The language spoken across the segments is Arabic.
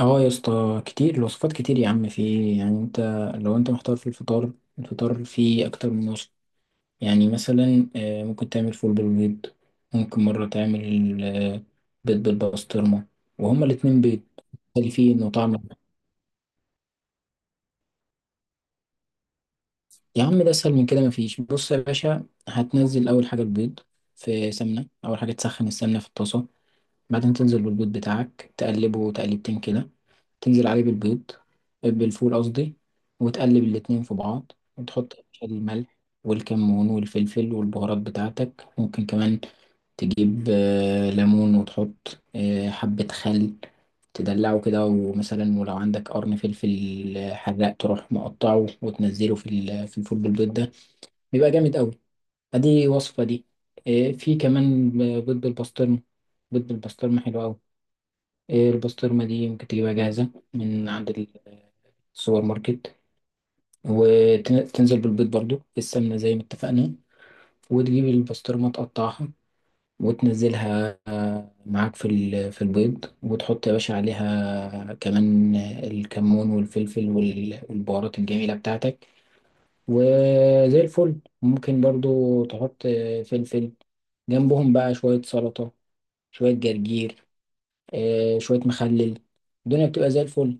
اه، يا اسطى كتير الوصفات، كتير يا عم. في، يعني انت لو انت محتار في الفطار فيه اكتر من وصفة. يعني مثلا، ممكن تعمل فول بالبيض، ممكن مرة تعمل بيض بالبسطرمة، وهما الاتنين بيض مختلفين وطعم. يا عم ده اسهل من كده. مفيش. بص يا باشا، هتنزل اول حاجة البيض في سمنة. اول حاجة تسخن السمنة في الطاسة، بعدين تنزل بالبيض بتاعك، تقلبه تقليبتين كده، تنزل عليه بالبيض، بالفول قصدي، وتقلب الاتنين في بعض، وتحط يا باشا الملح والكمون والفلفل والبهارات بتاعتك. ممكن كمان تجيب ليمون، وتحط حبة خل، تدلعه كده. ومثلا، ولو عندك قرن فلفل حراق، تروح مقطعه وتنزله في الفول بالبيض ده. بيبقى جامد قوي. ادي وصفة دي. في كمان بيض بالبسطرمة. بيض بالبسطرمة حلو قوي. البسطرمة دي ممكن تجيبها جاهزة من عند سوبر ماركت، وتنزل بالبيض برضو السمنة زي ما اتفقنا، وتجيب البسطرمة تقطعها وتنزلها معاك في البيض، وتحط يا باشا عليها كمان الكمون والفلفل والبهارات الجميلة بتاعتك، وزي الفل. ممكن برضو تحط فلفل جنبهم بقى. شوية سلطة، شوية جرجير، شوية مخلل، الدنيا بتبقى زي الفل.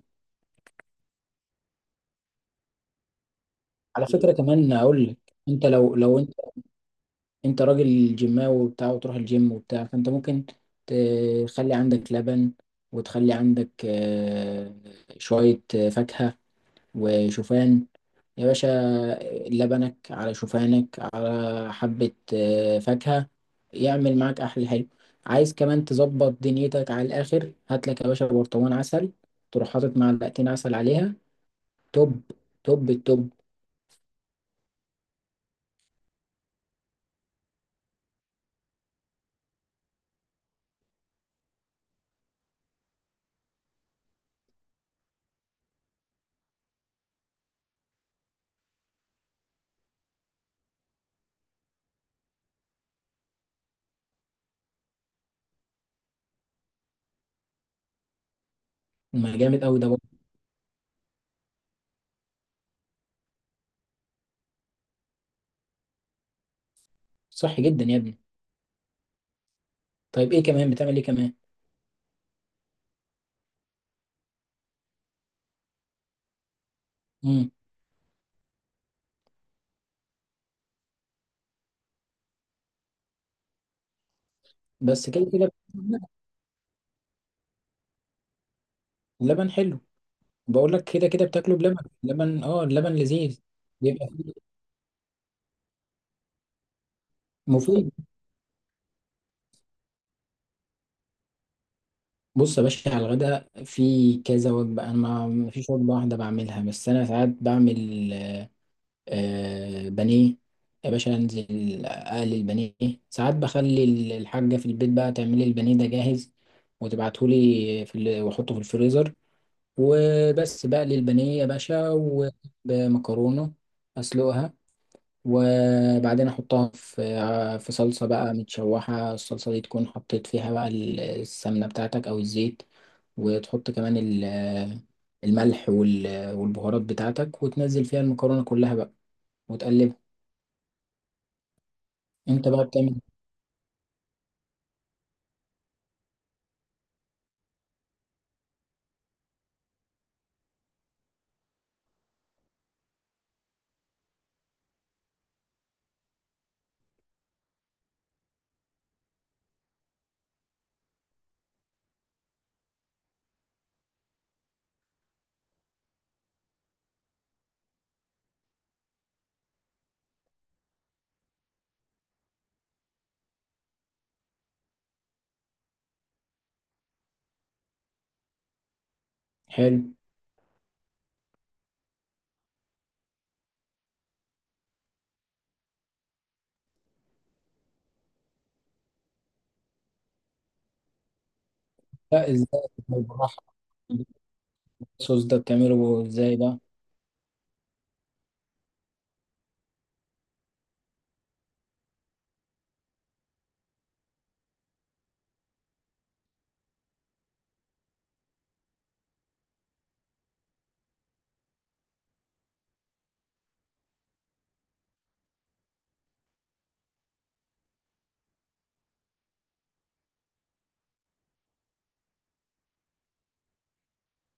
على فكرة كمان أقول لك، أنت لو انت راجل جيماوي وبتاع، وتروح الجيم وبتاع، فانت ممكن تخلي عندك لبن، وتخلي عندك شوية فاكهة وشوفان. يا باشا، لبنك على شوفانك على حبة فاكهة، يعمل معاك أحلى حلو. عايز كمان تظبط دنيتك على الآخر، هات لك يا باشا برطمان عسل، تروح حاطط معلقتين عسل عليها، توب، توب التوب. ما جامد أوي ده برضه. صحي جدا يا ابني. طيب إيه كمان بتعمل، إيه كمان؟ بس كده كده بتاكله بلبن. لبن حلو. بقول لك كده كده بتاكله بلبن. لبن اه اللبن لذيذ. بيبقى فيه مفيد. بص يا باشا، على الغداء في كذا وجبة. انا ما فيش وجبة واحدة بعملها، بس انا ساعات بعمل بانيه. يا باشا انزل اقلي البانيه. ساعات بخلي الحاجة في البيت بقى تعمل لي البانيه ده جاهز، واحطه في الفريزر. وبس بقلي البانيه يا باشا، ومكرونة اسلقها، وبعدين احطها في صلصه بقى متشوحه. الصلصه دي تكون حطيت فيها بقى السمنه بتاعتك او الزيت، وتحط كمان الملح والبهارات بتاعتك، وتنزل فيها المكرونه كلها بقى وتقلبها. انت بقى بتعمل. حلو. لا، ازاي، بالراحه. الصوص ده بتعمله ازاي ده؟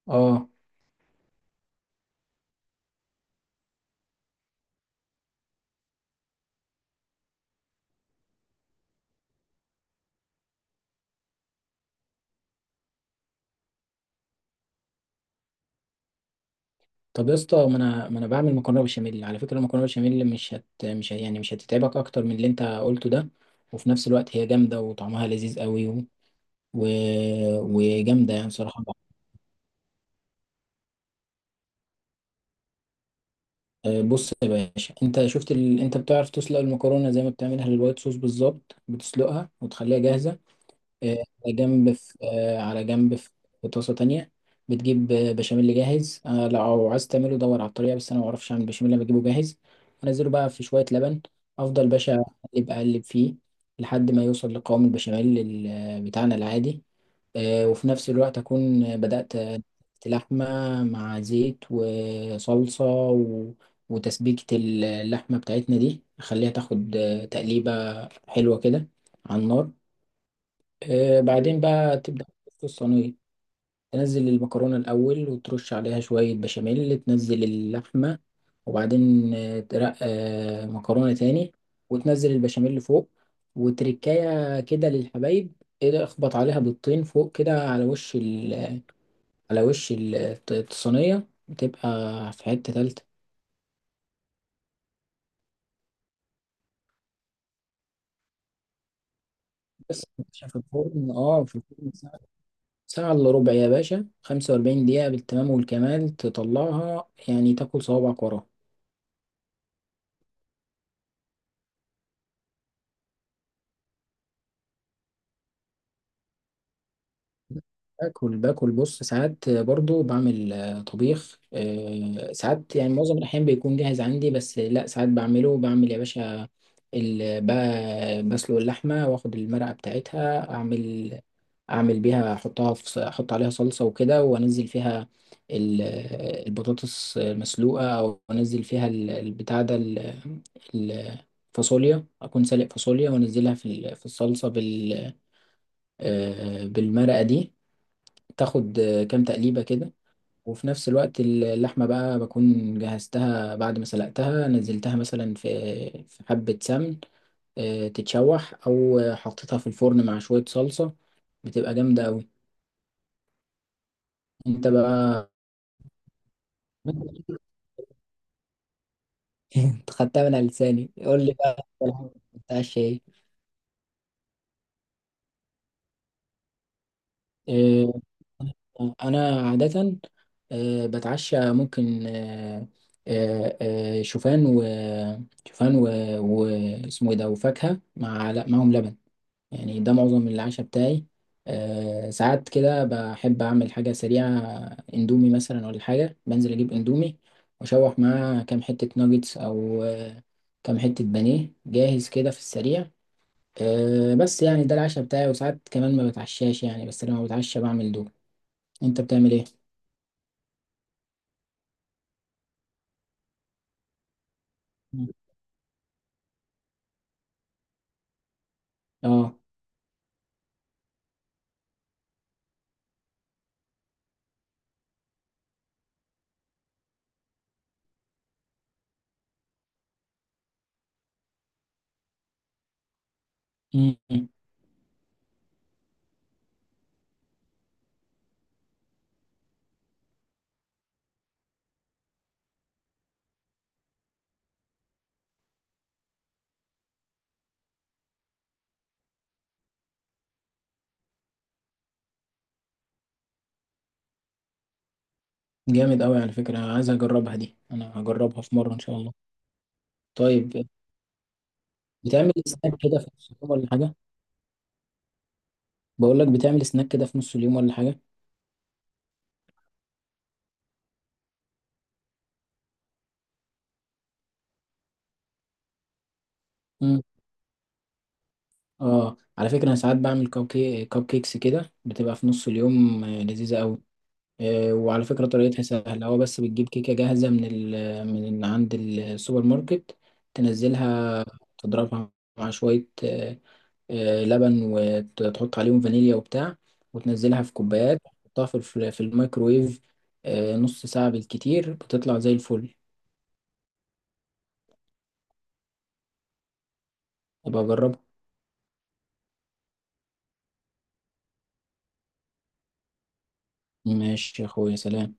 اه. طب يا اسطى، ما انا بعمل مكرونه بشاميل. على فكره، المكرونه بشاميل، مش هت مش ه- يعني مش هتتعبك اكتر من اللي انت قلته ده، وفي نفس الوقت هي جامده وطعمها لذيذ قوي، و... وجامده يعني، صراحه. بص يا باشا، انت بتعرف تسلق المكرونه زي ما بتعملها للوايت صوص بالظبط، بتسلقها وتخليها جاهزه. على جنب في طاسة تانية، بتجيب بشاميل جاهز. لو عايز تعمله دور على الطريقة، بس أنا معرفش أعمل بشاميل، أنا بجيبه جاهز. أنزله بقى في شوية لبن، أفضل باشا أقلب أقلب فيه لحد ما يوصل لقوام البشاميل بتاعنا العادي. وفي نفس الوقت أكون بدأت لحمة مع زيت وصلصة، و... وتسبيكة اللحمة بتاعتنا دي أخليها تاخد تقليبة حلوة كده على النار. بعدين بقى تبدأ في الصينية، تنزل المكرونة الأول وترش عليها شوية بشاميل، تنزل اللحمة، وبعدين ترق مكرونة تاني، وتنزل البشاميل فوق، وتركاية كده للحبايب. ايه، اخبط عليها بيضتين فوق كده على وش ال، الصينية، بتبقى في حتة تالتة. بس يا باشا في الفرن ساعة، ساعة إلا ربع يا باشا، 45 دقيقة بالتمام والكمال، تطلعها يعني تاكل صوابعك وراها. باكل بص، ساعات برضو بعمل طبيخ. ساعات يعني معظم الأحيان بيكون جاهز عندي، بس لا ساعات بعمله. بعمل يا باشا بسلق اللحمة، واخد المرقة بتاعتها، اعمل بيها، احط عليها صلصة وكده، وانزل فيها ال- البطاطس المسلوقة، او انزل فيها البتاع ده، الفاصوليا، اكون سالق فاصوليا وانزلها في الصلصة، بالمرقة دي، تاخد كام تقليبة كده. وفي نفس الوقت اللحمة بقى بكون جهزتها بعد ما سلقتها، نزلتها مثلا في حبة سمن تتشوح، أو حطيتها في الفرن مع شوية صلصة، بتبقى جامدة أوي. أنت بقى. أنت خدتها من على لساني، قول لي بقى أنت الحين بتاع الشاي. انا عاده بتعشى، ممكن شوفان و شوفان و واسمه ايه ده، وفاكهه، لا، معاهم لبن. يعني ده معظم العشاء بتاعي. ساعات كده بحب اعمل حاجه سريعه، اندومي مثلا ولا حاجه، بنزل اجيب اندومي واشوح معاه كام حته ناجتس، او كام حته بانيه جاهز كده في السريع. بس يعني ده العشاء بتاعي، وساعات كمان ما بتعشاش يعني، بس لما بتعشى بعمل دول. انت بتعمل ايه؟ اه. مم. جامد قوي على فكرة، عايز اجربها دي، انا هجربها في مرة ان شاء الله. طيب بتعمل سناك كده في نص اليوم ولا حاجة؟ بقول لك، بتعمل سناك كده في نص اليوم ولا حاجة؟ مم. اه، على فكرة انا ساعات بعمل كوب كيكس كده، بتبقى في نص اليوم لذيذة قوي. وعلى فكرة طريقتها سهلة، هو بس بتجيب كيكة جاهزة من عند السوبر ماركت، تنزلها، تضربها مع شوية لبن، وتحط عليهم فانيليا وبتاع، وتنزلها في كوبايات، تحطها في الميكرويف، نص ساعة بالكتير بتطلع زي الفل. يبقى جربها. ماشي يا اخويا، سلام.